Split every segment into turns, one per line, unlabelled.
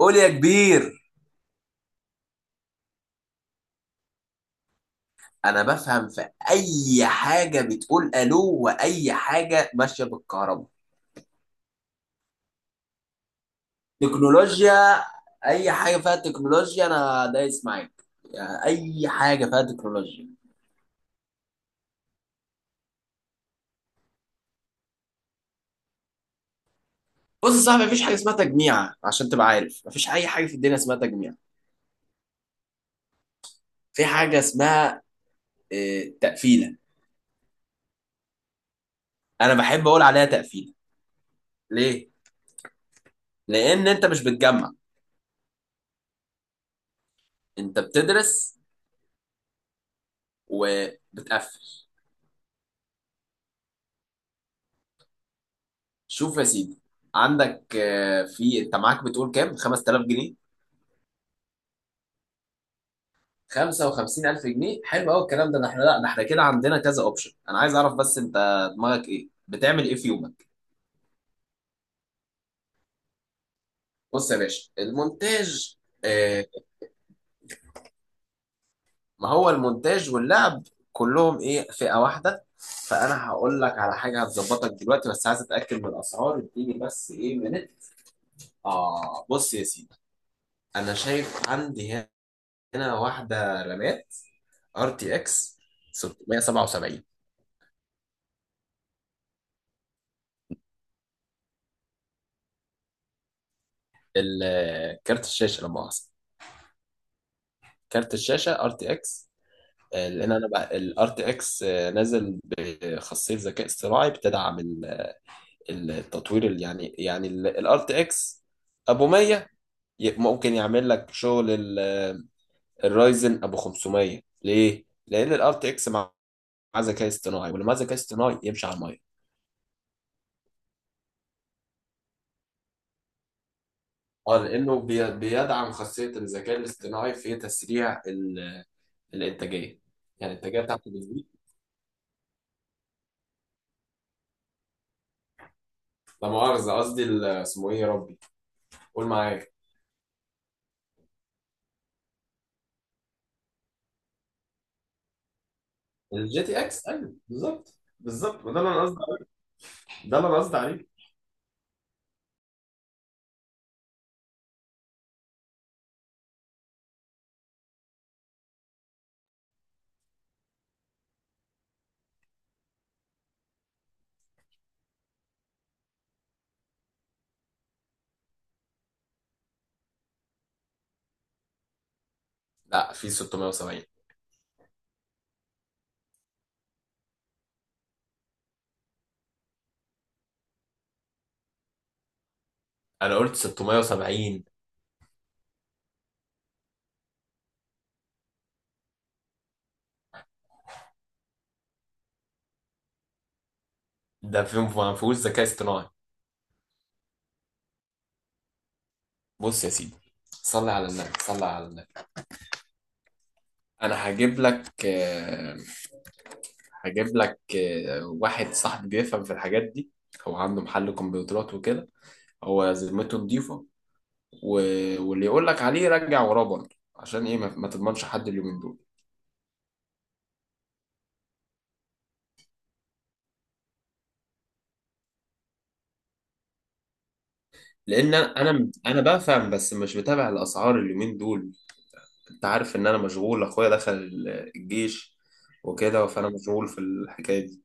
قول يا كبير. انا بفهم في اي حاجه بتقول الو واي حاجه ماشيه بالكهرباء. تكنولوجيا. اي حاجه فيها تكنولوجيا انا دايس معاك، يعني اي حاجه فيها تكنولوجيا. بص يا صاحبي، مفيش حاجه اسمها تجميع، عشان تبقى عارف مفيش اي حاجه في الدنيا اسمها تجميع. في حاجه اسمها تقفيله. انا بحب اقول عليها تقفيله. ليه؟ لان انت مش بتجمع، انت بتدرس وبتقفل. شوف يا سيدي، عندك في، انت معاك بتقول كام؟ 5000 جنيه؟ 55000 جنيه؟ حلو قوي الكلام ده. ده احنا، لا، ده احنا كده عندنا كذا اوبشن. انا عايز اعرف بس انت دماغك ايه، بتعمل ايه في يومك؟ بص يا باشا، المونتاج، آه، ما هو المونتاج واللعب كلهم ايه، فئة واحدة. فانا هقول لك على حاجة هتظبطك دلوقتي، بس عايز اتاكد من الاسعار. اديني بس ايه منت. اه، بص يا سيدي، انا شايف عندي هنا واحدة رامات ار تي اكس 677. كارت الشاشة لما مؤاخذة، كارت الشاشة ار تي اكس. لان انا بقى الار تي اكس نازل بخاصية ذكاء اصطناعي بتدعم التطوير، اللي يعني الار تي اكس ابو 100 ممكن يعمل لك شغل الرايزن ابو 500. ليه؟ لان الار تي اكس مع ذكاء اصطناعي، واللي مع ذكاء اصطناعي يمشي على الميه. اه، لانه بيدعم خاصيه الذكاء الاصطناعي في تسريع الانتاجيه، يعني الانتاجيه بتاعته بتزيد. لا مؤاخذه، قصدي اسمه ايه يا ربي؟ قول معايا. الجي تي اكس، ايوه بالظبط بالظبط، وده اللي انا قصدي عليه. ده اللي انا قصدي عليه. لا، في 670. انا قلت 670. ده في ما فيهوش ذكاء اصطناعي. بص يا سيدي، صلي على النبي صلي على النبي. انا هجيب لك، هجيب لك واحد صاحبي بيفهم في الحاجات دي. هو عنده محل كمبيوترات وكده. هو ذمته نضيفة و... واللي يقول لك عليه رجع وراه برضه. عشان ايه؟ ما تضمنش حد اليومين دول. لان انا بفهم، بس مش بتابع الاسعار اليومين دول. انت عارف ان انا مشغول، اخويا دخل الجيش وكده، فانا مشغول في الحكاية دي.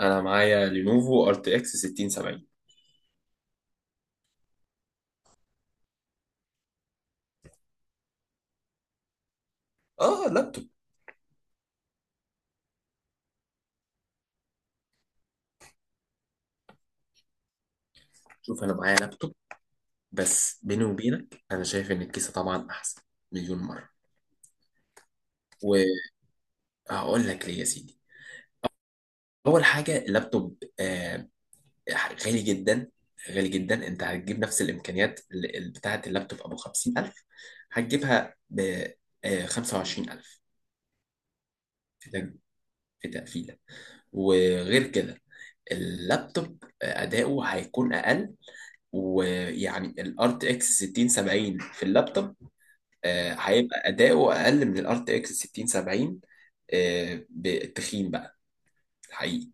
انا معايا لينوفو ار تي اكس 6070. اه لابتوب. شوف، انا معايا لابتوب، بس بيني وبينك انا شايف ان الكيسة طبعا احسن مليون مرة. وهقول لك ليه يا سيدي. اول حاجة، اللابتوب غالي جدا، غالي جدا. انت هتجيب نفس الامكانيات بتاعه اللابتوب ابو 50000، هتجيبها ب 25000. في تج- في تقفيله. وغير كده اللابتوب اداؤه هيكون اقل. ويعني الار تي اكس 6070 في اللابتوب هيبقى اداؤه اقل من الار تي اكس 6070، بالتخين بقى الحقيقي.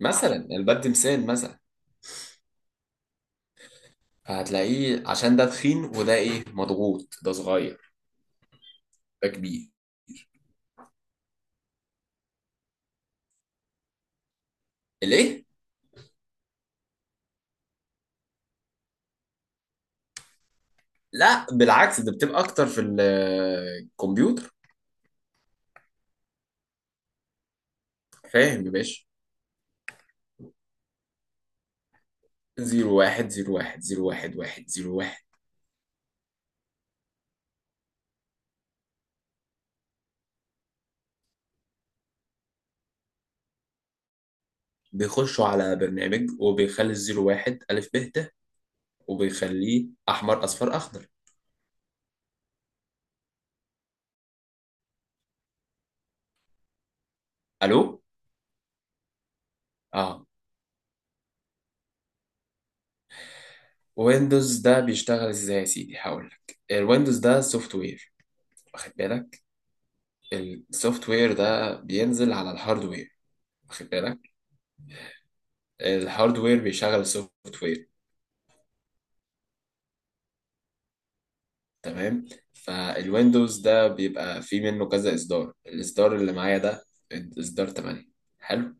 مثلا الباب تمثال مثلا، فهتلاقيه عشان ده تخين وده ايه مضغوط. ده صغير، ده كبير. الايه؟ لا بالعكس، ده بتبقى اكتر في الكمبيوتر. فاهم يا باشا. زيرو واحد زيرو واحد زيرو واحد واحد زيرو واحد. بيخشوا على برنامج وبيخلي الزيرو واحد ألف ب ت، وبيخليه أحمر أصفر أخضر. ألو؟ آه. ويندوز ده بيشتغل إزاي يا سيدي؟ هقول لك. الويندوز ده سوفت وير، واخد بالك؟ السوفت وير ده بينزل على الهاردوير، واخد بالك؟ الهاردوير بيشغل السوفت وير. تمام. فالويندوز ده بيبقى فيه منه كذا اصدار. الاصدار اللي معايا ده اصدار 8. حلو.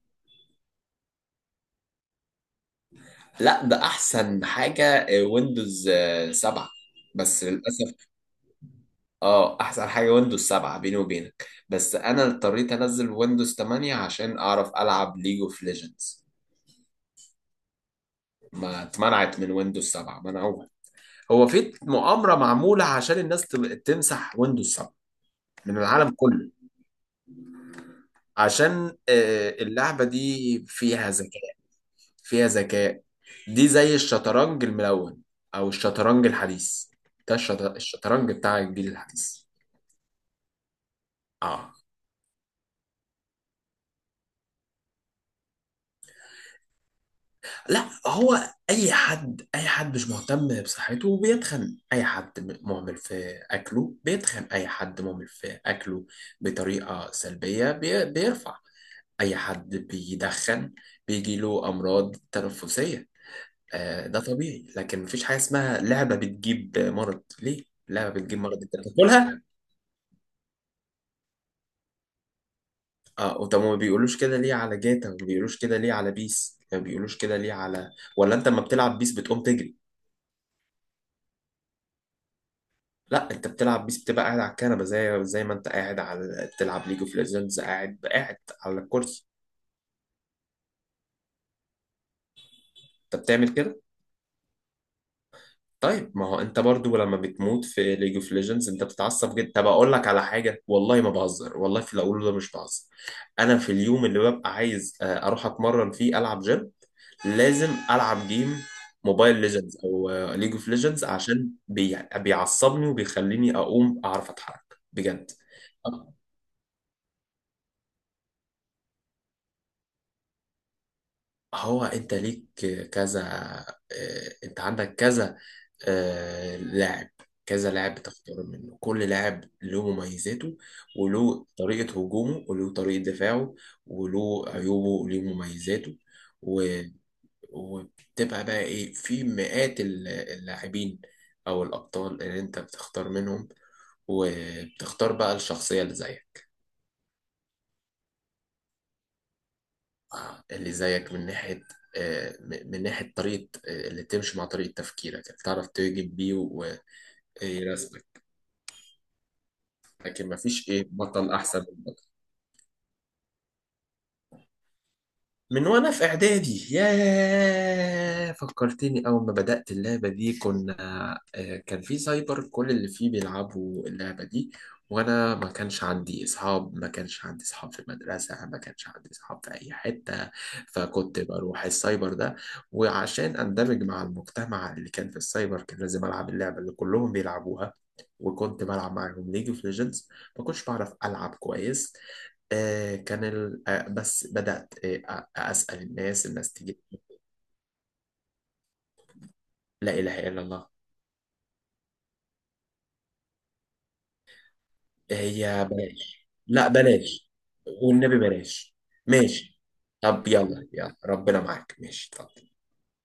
لا، ده احسن حاجه ويندوز 7. بس للاسف. اه، احسن حاجه ويندوز 7 بيني وبينك، بس انا اضطريت انزل ويندوز 8 عشان اعرف العب ليج اوف ليجندز. ما اتمنعت من ويندوز 7، منعوها. هو في مؤامره معموله عشان الناس تمسح ويندوز 7 من العالم كله. عشان اللعبة دي فيها ذكاء، فيها ذكاء. دي زي الشطرنج الملون، او الشطرنج الحديث. ده الشطرنج بتاع الجيل الحديث. اه، لا هو، اي حد مش مهتم بصحته بيتخن. اي حد مهمل في اكله بيتخن، اي حد مهمل في اكله بطريقة سلبية بيرفع. اي حد بيدخن بيجيله امراض تنفسية. آه، ده طبيعي. لكن مفيش حاجة اسمها لعبة بتجيب مرض. ليه لعبة بتجيب مرض؟ انت بتاكلها؟ اه، وطب ما بيقولوش كده ليه على جاتا؟ ما بيقولوش كده ليه على بيس؟ ما بيقولوش كده ليه على، ولا انت لما بتلعب بيس بتقوم تجري؟ لا، انت بتلعب بيس بتبقى قاعد على الكنبه، زي ما انت قاعد على تلعب ليج اوف ليجندز، قاعد قاعد على الكرسي. انت بتعمل كده. طيب ما هو انت برضو لما بتموت في ليج اوف ليجندز انت بتتعصب جدا. طب اقول لك على حاجه، والله ما بهزر والله، في الاول، ده مش بهزر. انا في اليوم اللي ببقى عايز اروح اتمرن فيه، العب جيم، لازم العب جيم موبايل ليجندز او ليج اوف ليجندز، عشان بيعصبني وبيخليني اقوم اعرف اتحرك بجد. هو انت ليك كذا، انت عندك كذا لاعب. كذا لاعب بتختار منه، كل لاعب له مميزاته وله طريقة هجومه وله طريقة دفاعه وله عيوبه وله مميزاته و... وبتبقى بقى ايه، في مئات اللاعبين او الابطال اللي انت بتختار منهم. وبتختار بقى الشخصية اللي زيك. اللي زيك من ناحية من ناحية طريقة، اللي تمشي مع طريقة تفكيرك، اللي تعرف تهجم بيه ويرسمك. لكن مفيش ايه، بطل احسن من بطل. من وانا في اعدادي. ياه، فكرتني، اول ما بدأت اللعبة دي كنا كان في سايبر كل اللي فيه بيلعبوا اللعبة دي. وانا ما كانش عندي اصحاب، ما كانش عندي اصحاب في المدرسة، ما كانش عندي اصحاب في اي حتة. فكنت بروح السايبر ده، وعشان اندمج مع المجتمع اللي كان في السايبر كان لازم العب اللعبة اللي كلهم بيلعبوها. وكنت بلعب معاهم ليج اوف ليجندز. ما كنتش بعرف العب كويس. كان ال... آه، بس بدأت أسأل الناس، الناس تيجي. لا إله إلا الله. هي بلاش، لا بلاش، والنبي بلاش. ماشي. طب يلا يلا، ربنا معاك. ماشي، اتفضل.